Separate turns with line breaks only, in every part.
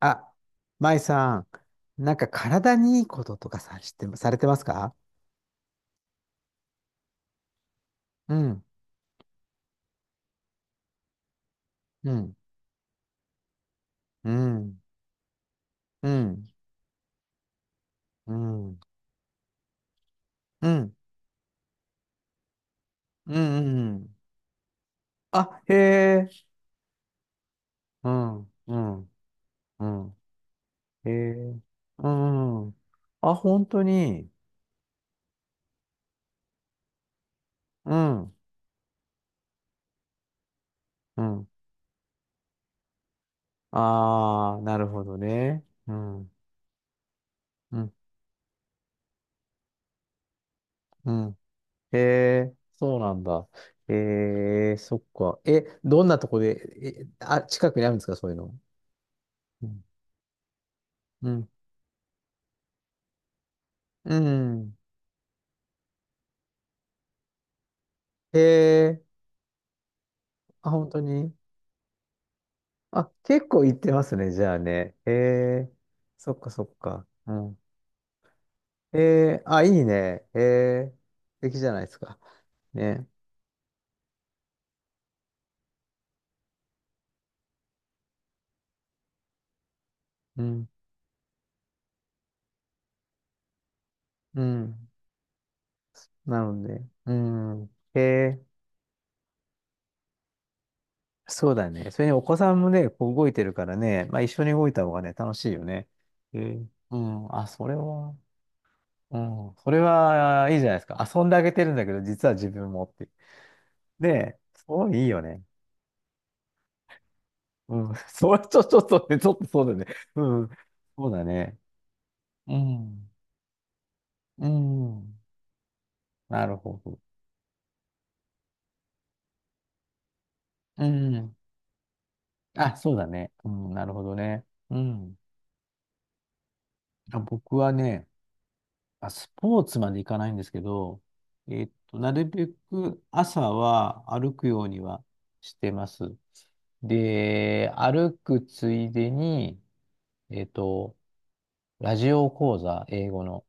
あ、舞さん、なんか体にいいこととかさ、知ってま、されてますか？うん、うん、うん、うん、うん、うん、うん、うん。うん。あ、へえ。うん、うん、うん。へえ。うん。あ、本当に。うん、うん。ああ、なるほどね。うん、うん、うん。へえ、そうなんだ。ええ、そっか。え、どんなとこで、え、あ、近くにあるんですか、そういうの。うん、うん、うん。へえ。あ、本当に。あ、結構行ってますね、じゃあね。へえ。そっかそっか。うん。へえ。あ、いいね。へえ。素敵じゃないですか。ね。うん。うん。なので。うん。へえ。そうだね。それにお子さんもね、こう動いてるからね、まあ一緒に動いた方がね、楽しいよね。へえ。うん。あ、それは、うん。それはいいじゃないですか。遊んであげてるんだけど、実は自分もっていう。ねえ、そういいよね。うん。それちょ、ちょっとね、ちょっとそうだね。うん。そうだね。うん。うん。なるほど。うん。あ、そうだね。うん。なるほどね。うん。あ、僕はね、あ、スポーツまでいかないんですけど、なるべく朝は歩くようにはしてます。で、歩くついでに、えっと、ラジオ講座、英語の、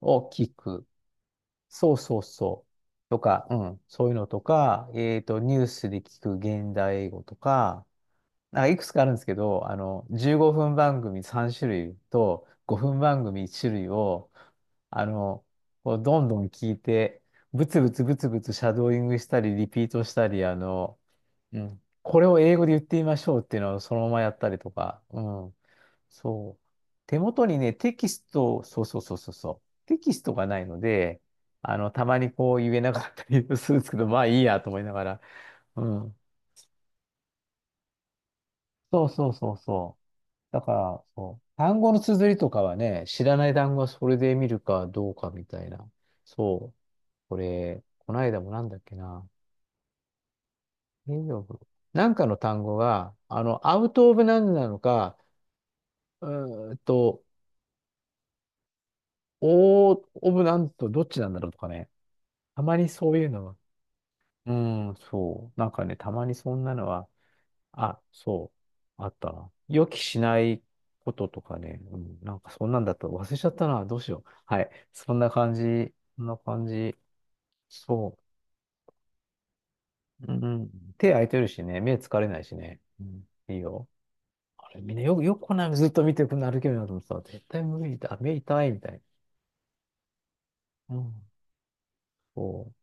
を聞く。そうそうそう。とか、うん、そういうのとか、ニュースで聞く現代英語とか、なんかいくつかあるんですけど、15分番組3種類と5分番組1種類を、あの、こうどんどん聞いて、ブツブツブツブツシャドーイングしたり、リピートしたり、うん、これを英語で言ってみましょうっていうのをそのままやったりとか、うん、そう。手元にね、テキスト、そうそうそうそうそう。テキストがないので、たまにこう言えなかったり するんですけど、まあいいやと思いながら。うん。そうそうそうそう。だから、そう。単語の綴りとかはね、知らない単語はそれで見るかどうかみたいな。そう。これ、この間もなんだっけな。レイオフなんかの単語が、アウトオブなんなのか、うーんと、オーオブなんとどっちなんだろうとかね。たまにそういうのは。うん、そう。なんかね、たまにそんなのは、あ、そう、あったな。予期しないこととかね、うん、なんかそんなんだった忘れちゃったな。どうしよう。はい。そんな感じ。そんな感じ。そう。うん。手空いてるしね、目疲れないしね。うん、いいよ。あれ、みんなよく、よくこんなのずっと見てくるの歩けるなと思ってた。絶対無理だ。目痛いみたいな。うん。そう。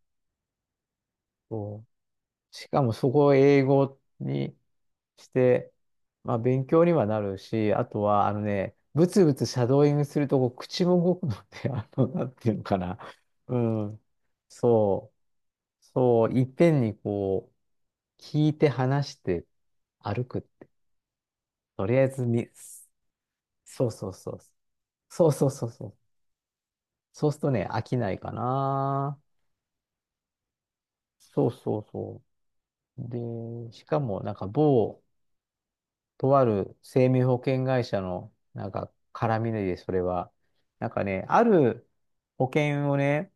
そう、しかもそこを英語にして、まあ勉強にはなるし、あとはあのね、ブツブツシャドーイングするとこう口も動くので、なんていうのかな。うん。そう。そう。いっぺんにこう、聞いて話して歩くって、とりあえずに、そうそうそう。そうそうそうそう。そうするとね、飽きないかな。そうそうそう。で、しかもなんか某、とある生命保険会社の、なんか、絡みで、それは。なんかね、ある保険をね、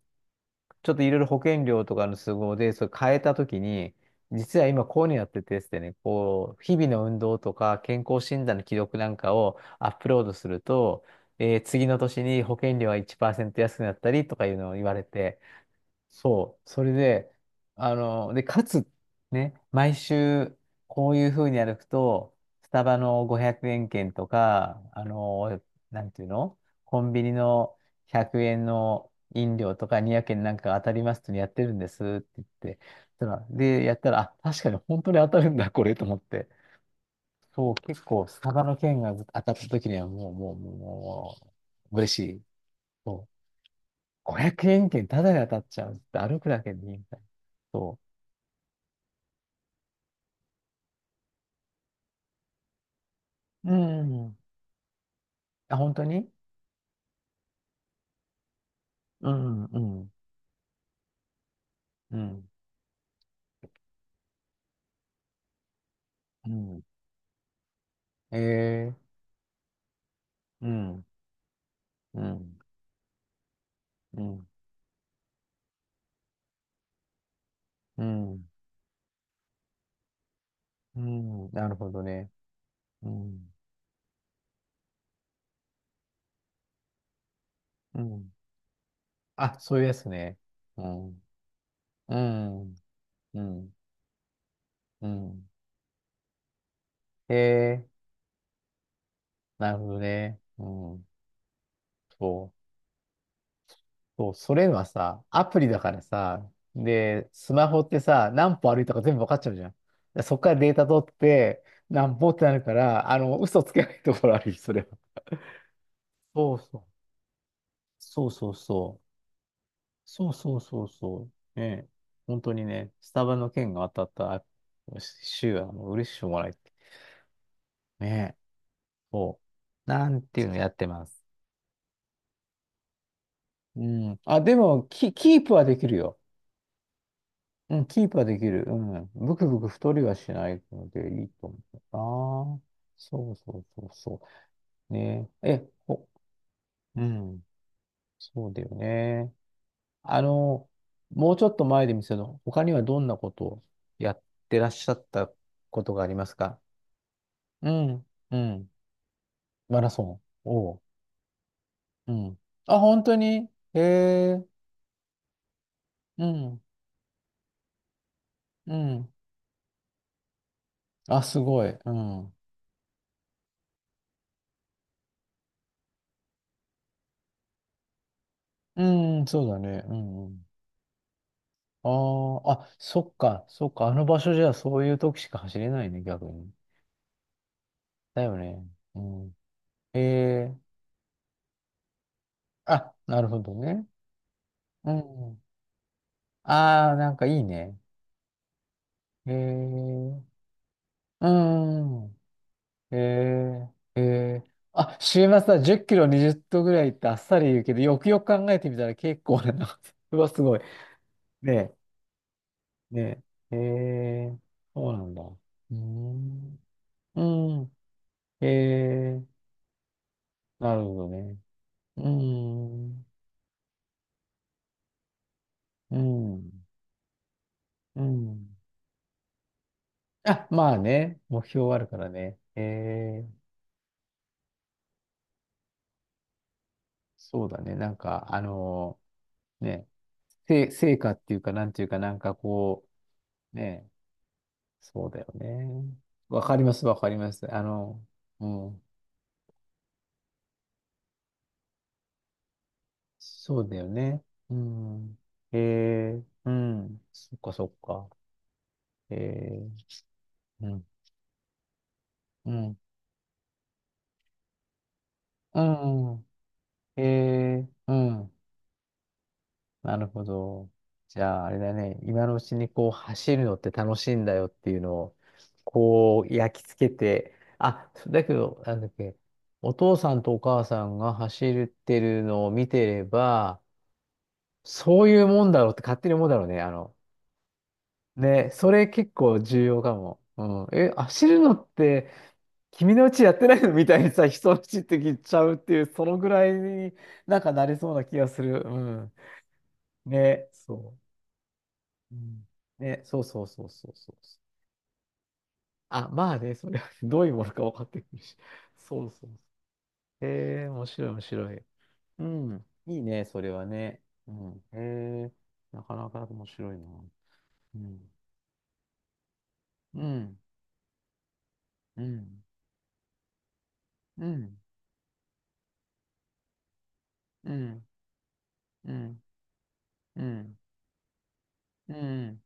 ちょっといろいろ保険料とかの都合で、それ変えたときに、実は今こういうのやっててですね、こう、日々の運動とか健康診断の記録なんかをアップロードすると、次の年に保険料が1%安くなったりとかいうのを言われて、そう。それで、で、かつ、ね、毎週、こういうふうに歩くと、スタバの500円券とか、なんていうのコンビニの100円の飲料とか200円なんか当たりますってやってるんですって言って、そしたらで、やったら、あ、確かに本当に当たるんだ、これと思って。そう、結構、スタバの券が当たった時にはもう、もう、もう、もう嬉しい。そう、500円券タダで当たっちゃうって歩くだけでいいみたいな。そう。うん。あ、本当に。うん、うん、うん、うん、ええ、うん、うん、うん、うん、うん、なるほどね。うん、うん、あ、そういうやつね。うん、うん、うん、うん、ええ、なるほどね。うん、そう。そう、それはさ、アプリだからさ、で、スマホってさ、何歩歩いたか全部わかっちゃうじゃん。でそっからデータ取って、何歩ってなるから、あの、嘘つけないところあるよ、それは。そうそう。そうそうそう。そうそうそうそう。ねえ。本当にね、スタバの件が当たった週はもう嬉しくもない。ねえ。そう。なんていうのやってます。うん。あ、でも、キ、キープはできるよ。うん、キープはできる。うん。ブクブク太りはしないのでいいと思うな。そうそうそうそう。ねえ。え、ほ、うん。そうだよね。あの、もうちょっと前で見せの、他にはどんなことをやってらっしゃったことがありますか？うん。うん。マラソン。おう。うん。あ、本当にへえ。うん。うん。あ、すごい。うん。うん、そうだね。うん。うん、ああ、あ、そっか、そっか、あの場所じゃそういう時しか走れないね、逆に。だよね。うん。ええ、あ、なるほどね。うん。ああ、なんかいいね。ええ、うん。ええ、ええ、あ、週末は10キロ20度ぐらいってあっさり言うけど、よくよく考えてみたら結構な長さ、うわ、すごい。ねえ、ねえ、ええ、そうなんだ。うーん。うん。ええ、なるほどね。うん、うん、うん。あ、まあね、目標はあるからね。ええ、そうだね。なんか、あのね、せ、成果っていうか、なんていうか、なんかこう、ね、そうだよね。わかります、わかります。あの、うん、そうだよね。うん。ええ、うん、そっか、そっか。ええ、うん、うん、うん、ええ、うん。なるほど。じゃあ、あれだね。今のうちにこう走るのって楽しいんだよっていうのを、こう焼き付けて、あ、だけど、なんだっけ、お父さんとお母さんが走ってるのを見てれば、そういうもんだろうって勝手に思うだろうね。ね、それ結構重要かも。うん。え、走るのって、君のうちやってないのみたいにさ、人のうちって言っちゃうっていう、そのぐらいになんかなれそうな気がする。うん。ね、そう。うん、ね、そうそうそうそうそうそう。あ、まあね、それは どういうものか分かってくるし。そうそうそう。へえ、面白い、面白い。うん、いいね、それはね。うん、へえ、なかなか面白いな。うん、うん、うん、うん、うん、うん、うん、うん。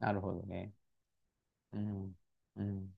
なるほどね。うん、うん。